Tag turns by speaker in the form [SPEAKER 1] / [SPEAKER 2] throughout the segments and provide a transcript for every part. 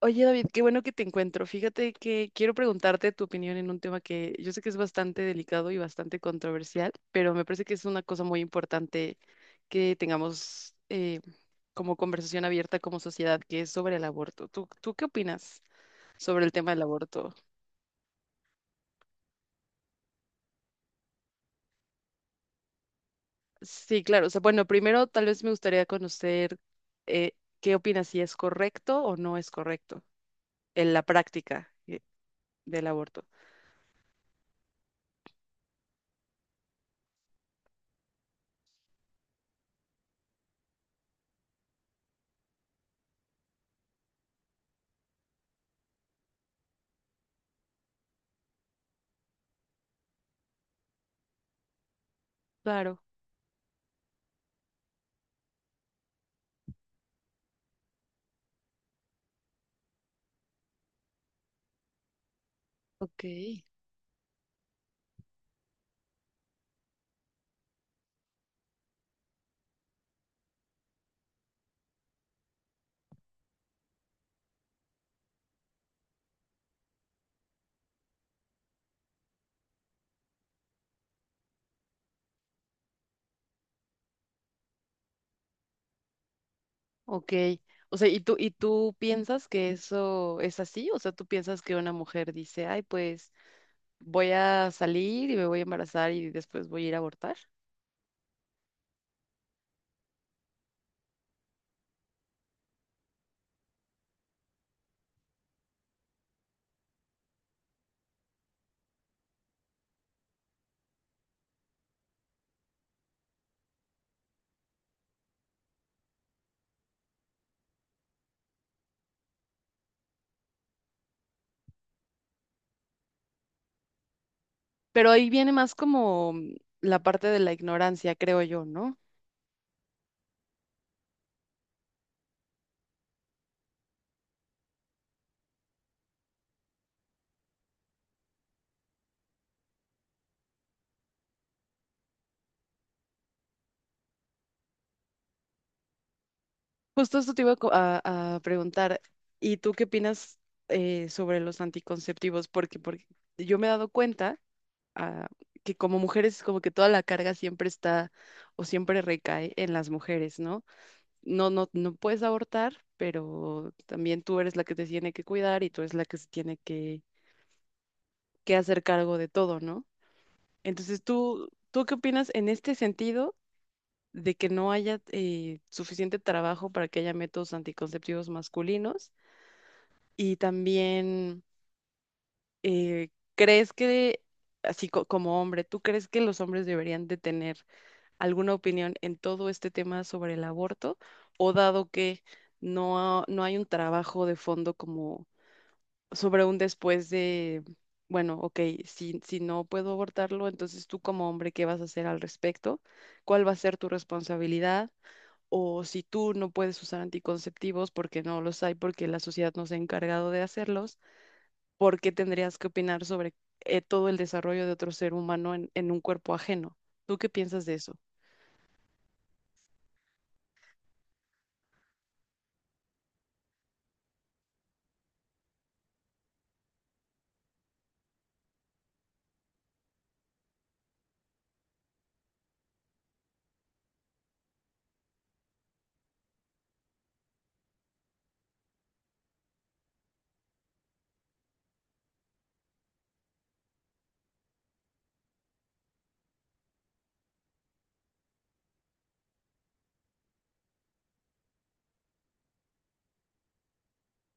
[SPEAKER 1] Oye, David, qué bueno que te encuentro. Fíjate que quiero preguntarte tu opinión en un tema que yo sé que es bastante delicado y bastante controversial, pero me parece que es una cosa muy importante que tengamos como conversación abierta como sociedad, que es sobre el aborto. ¿Tú qué opinas sobre el tema del aborto? Sí, claro. O sea, bueno, primero tal vez me gustaría conocer eh, qué opinas, si es correcto o no es correcto en la práctica del aborto. Claro, ok. Ok. O sea, ¿y tú piensas que eso es así? O sea, ¿tú piensas que una mujer dice, ay, pues voy a salir y me voy a embarazar y después voy a ir a abortar? Pero ahí viene más como la parte de la ignorancia, creo yo, ¿no? Justo esto te iba a, preguntar, ¿y tú qué opinas sobre los anticonceptivos? Porque, porque yo me he dado cuenta ah, que como mujeres como que toda la carga siempre está o siempre recae en las mujeres, ¿no? No puedes abortar, pero también tú eres la que te tiene que cuidar y tú eres la que se tiene que hacer cargo de todo, ¿no? Entonces, ¿tú qué opinas en este sentido de que no haya suficiente trabajo para que haya métodos anticonceptivos masculinos? Y también, ¿crees que, así como hombre, ¿tú crees que los hombres deberían de tener alguna opinión en todo este tema sobre el aborto? O dado que no hay un trabajo de fondo como sobre un después de, bueno, ok, si no puedo abortarlo, entonces tú como hombre, ¿qué vas a hacer al respecto? ¿Cuál va a ser tu responsabilidad? O si tú no puedes usar anticonceptivos porque no los hay, porque la sociedad no se ha encargado de hacerlos, ¿por qué tendrías que opinar sobre todo el desarrollo de otro ser humano en un cuerpo ajeno? ¿Tú qué piensas de eso?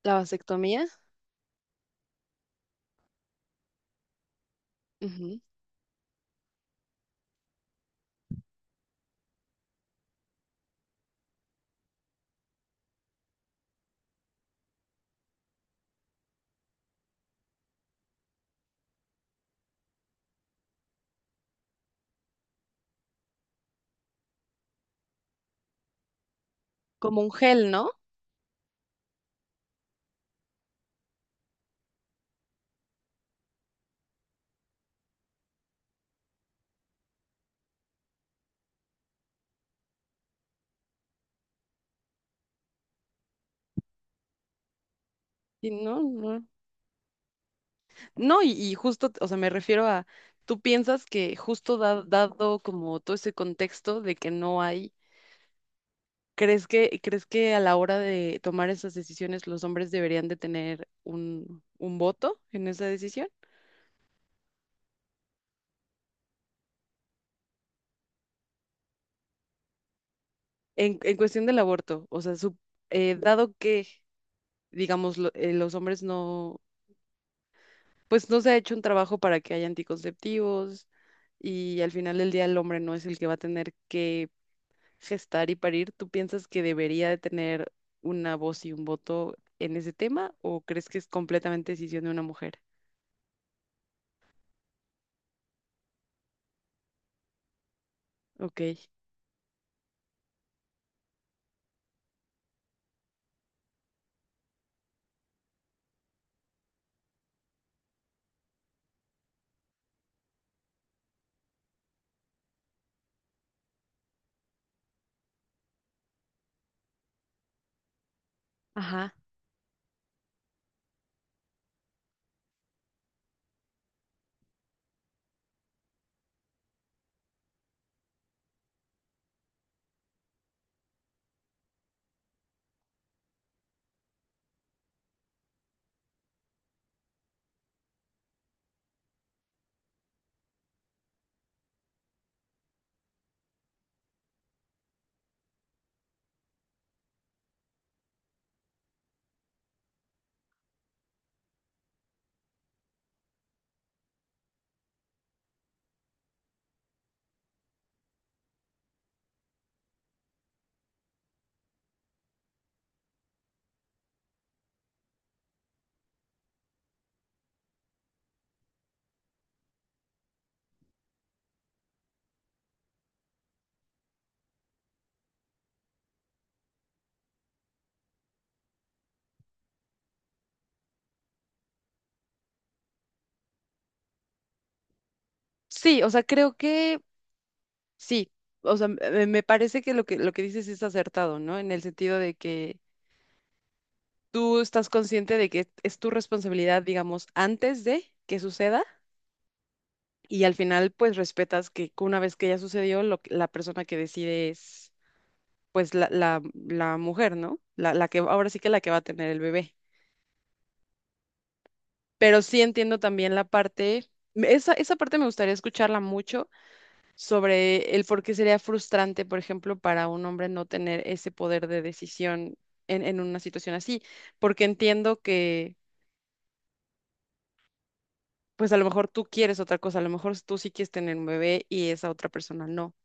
[SPEAKER 1] ¿La vasectomía? Ujú. Como un gel, ¿no? Y No, y justo, o sea, me refiero a, tú piensas que justo dado como todo ese contexto de que no hay, crees que a la hora de tomar esas decisiones los hombres deberían de tener un voto en esa decisión? En cuestión del aborto, o sea, dado que, digamos, los hombres no, pues no se ha hecho un trabajo para que haya anticonceptivos y al final del día el hombre no es el que va a tener que gestar y parir, ¿tú piensas que debería de tener una voz y un voto en ese tema o crees que es completamente decisión de una mujer? Ok, ajá. Sí, o sea, creo que sí. O sea, me parece que lo que dices es acertado, ¿no? En el sentido de que tú estás consciente de que es tu responsabilidad, digamos, antes de que suceda y al final pues respetas que una vez que ya sucedió, la persona que decide es pues la mujer, ¿no? La que ahora sí que la que va a tener el bebé. Pero sí entiendo también la parte, esa, esa parte me gustaría escucharla mucho sobre el por qué sería frustrante, por ejemplo, para un hombre no tener ese poder de decisión en una situación así, porque entiendo que, pues a lo mejor tú quieres otra cosa, a lo mejor tú sí quieres tener un bebé y esa otra persona no,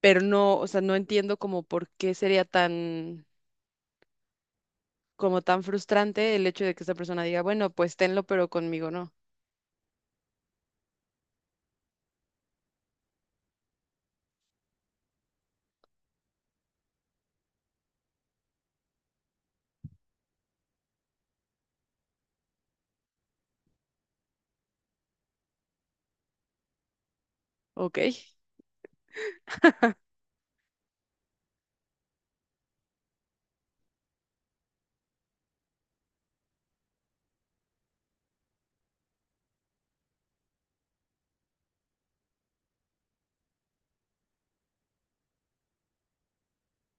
[SPEAKER 1] pero no, o sea, no entiendo como por qué sería tan, como tan frustrante el hecho de que esa persona diga, bueno, pues tenlo, pero conmigo no, ¿ok?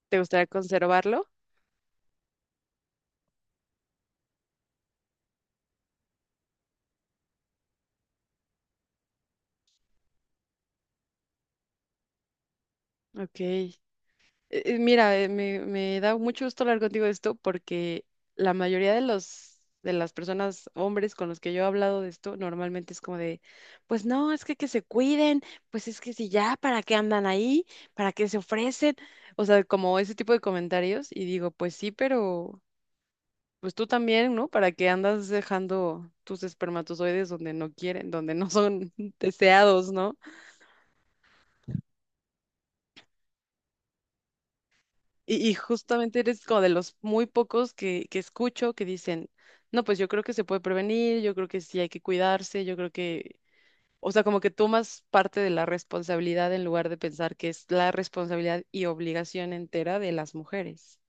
[SPEAKER 1] ¿Te gustaría conservarlo? Ok. Mira, me da mucho gusto hablar contigo de esto porque la mayoría de los de las personas, hombres con los que yo he hablado de esto, normalmente es como de, pues no, es que se cuiden, pues es que si ya, ¿para qué andan ahí? ¿Para qué se ofrecen? O sea, como ese tipo de comentarios y digo, pues sí, pero pues tú también, ¿no? ¿Para qué andas dejando tus espermatozoides donde no quieren, donde no son deseados, ¿no? Y justamente eres como de los muy pocos que escucho que dicen, no, pues yo creo que se puede prevenir, yo creo que sí hay que cuidarse, yo creo que, o sea, como que tomas parte de la responsabilidad en lugar de pensar que es la responsabilidad y obligación entera de las mujeres.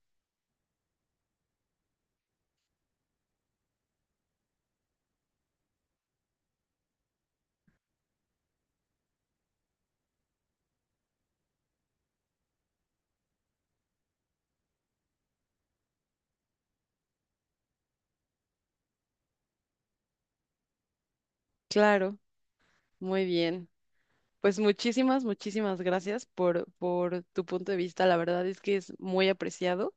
[SPEAKER 1] Claro, muy bien. Pues muchísimas, muchísimas gracias por tu punto de vista. La verdad es que es muy apreciado.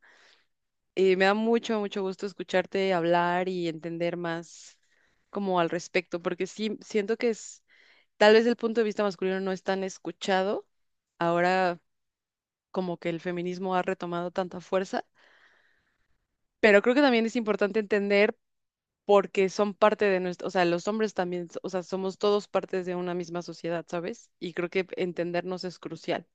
[SPEAKER 1] Me da mucho, mucho gusto escucharte hablar y entender más como al respecto, porque sí siento que es tal vez el punto de vista masculino no es tan escuchado, ahora como que el feminismo ha retomado tanta fuerza, pero creo que también es importante entender porque son parte de nuestro, o sea, los hombres también, o sea, somos todos partes de una misma sociedad, ¿sabes? Y creo que entendernos es crucial.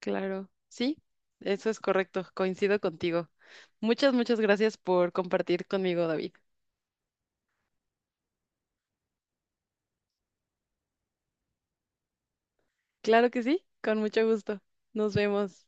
[SPEAKER 1] Claro, sí, eso es correcto, coincido contigo. Muchas, muchas gracias por compartir conmigo, David. Claro que sí, con mucho gusto. Nos vemos.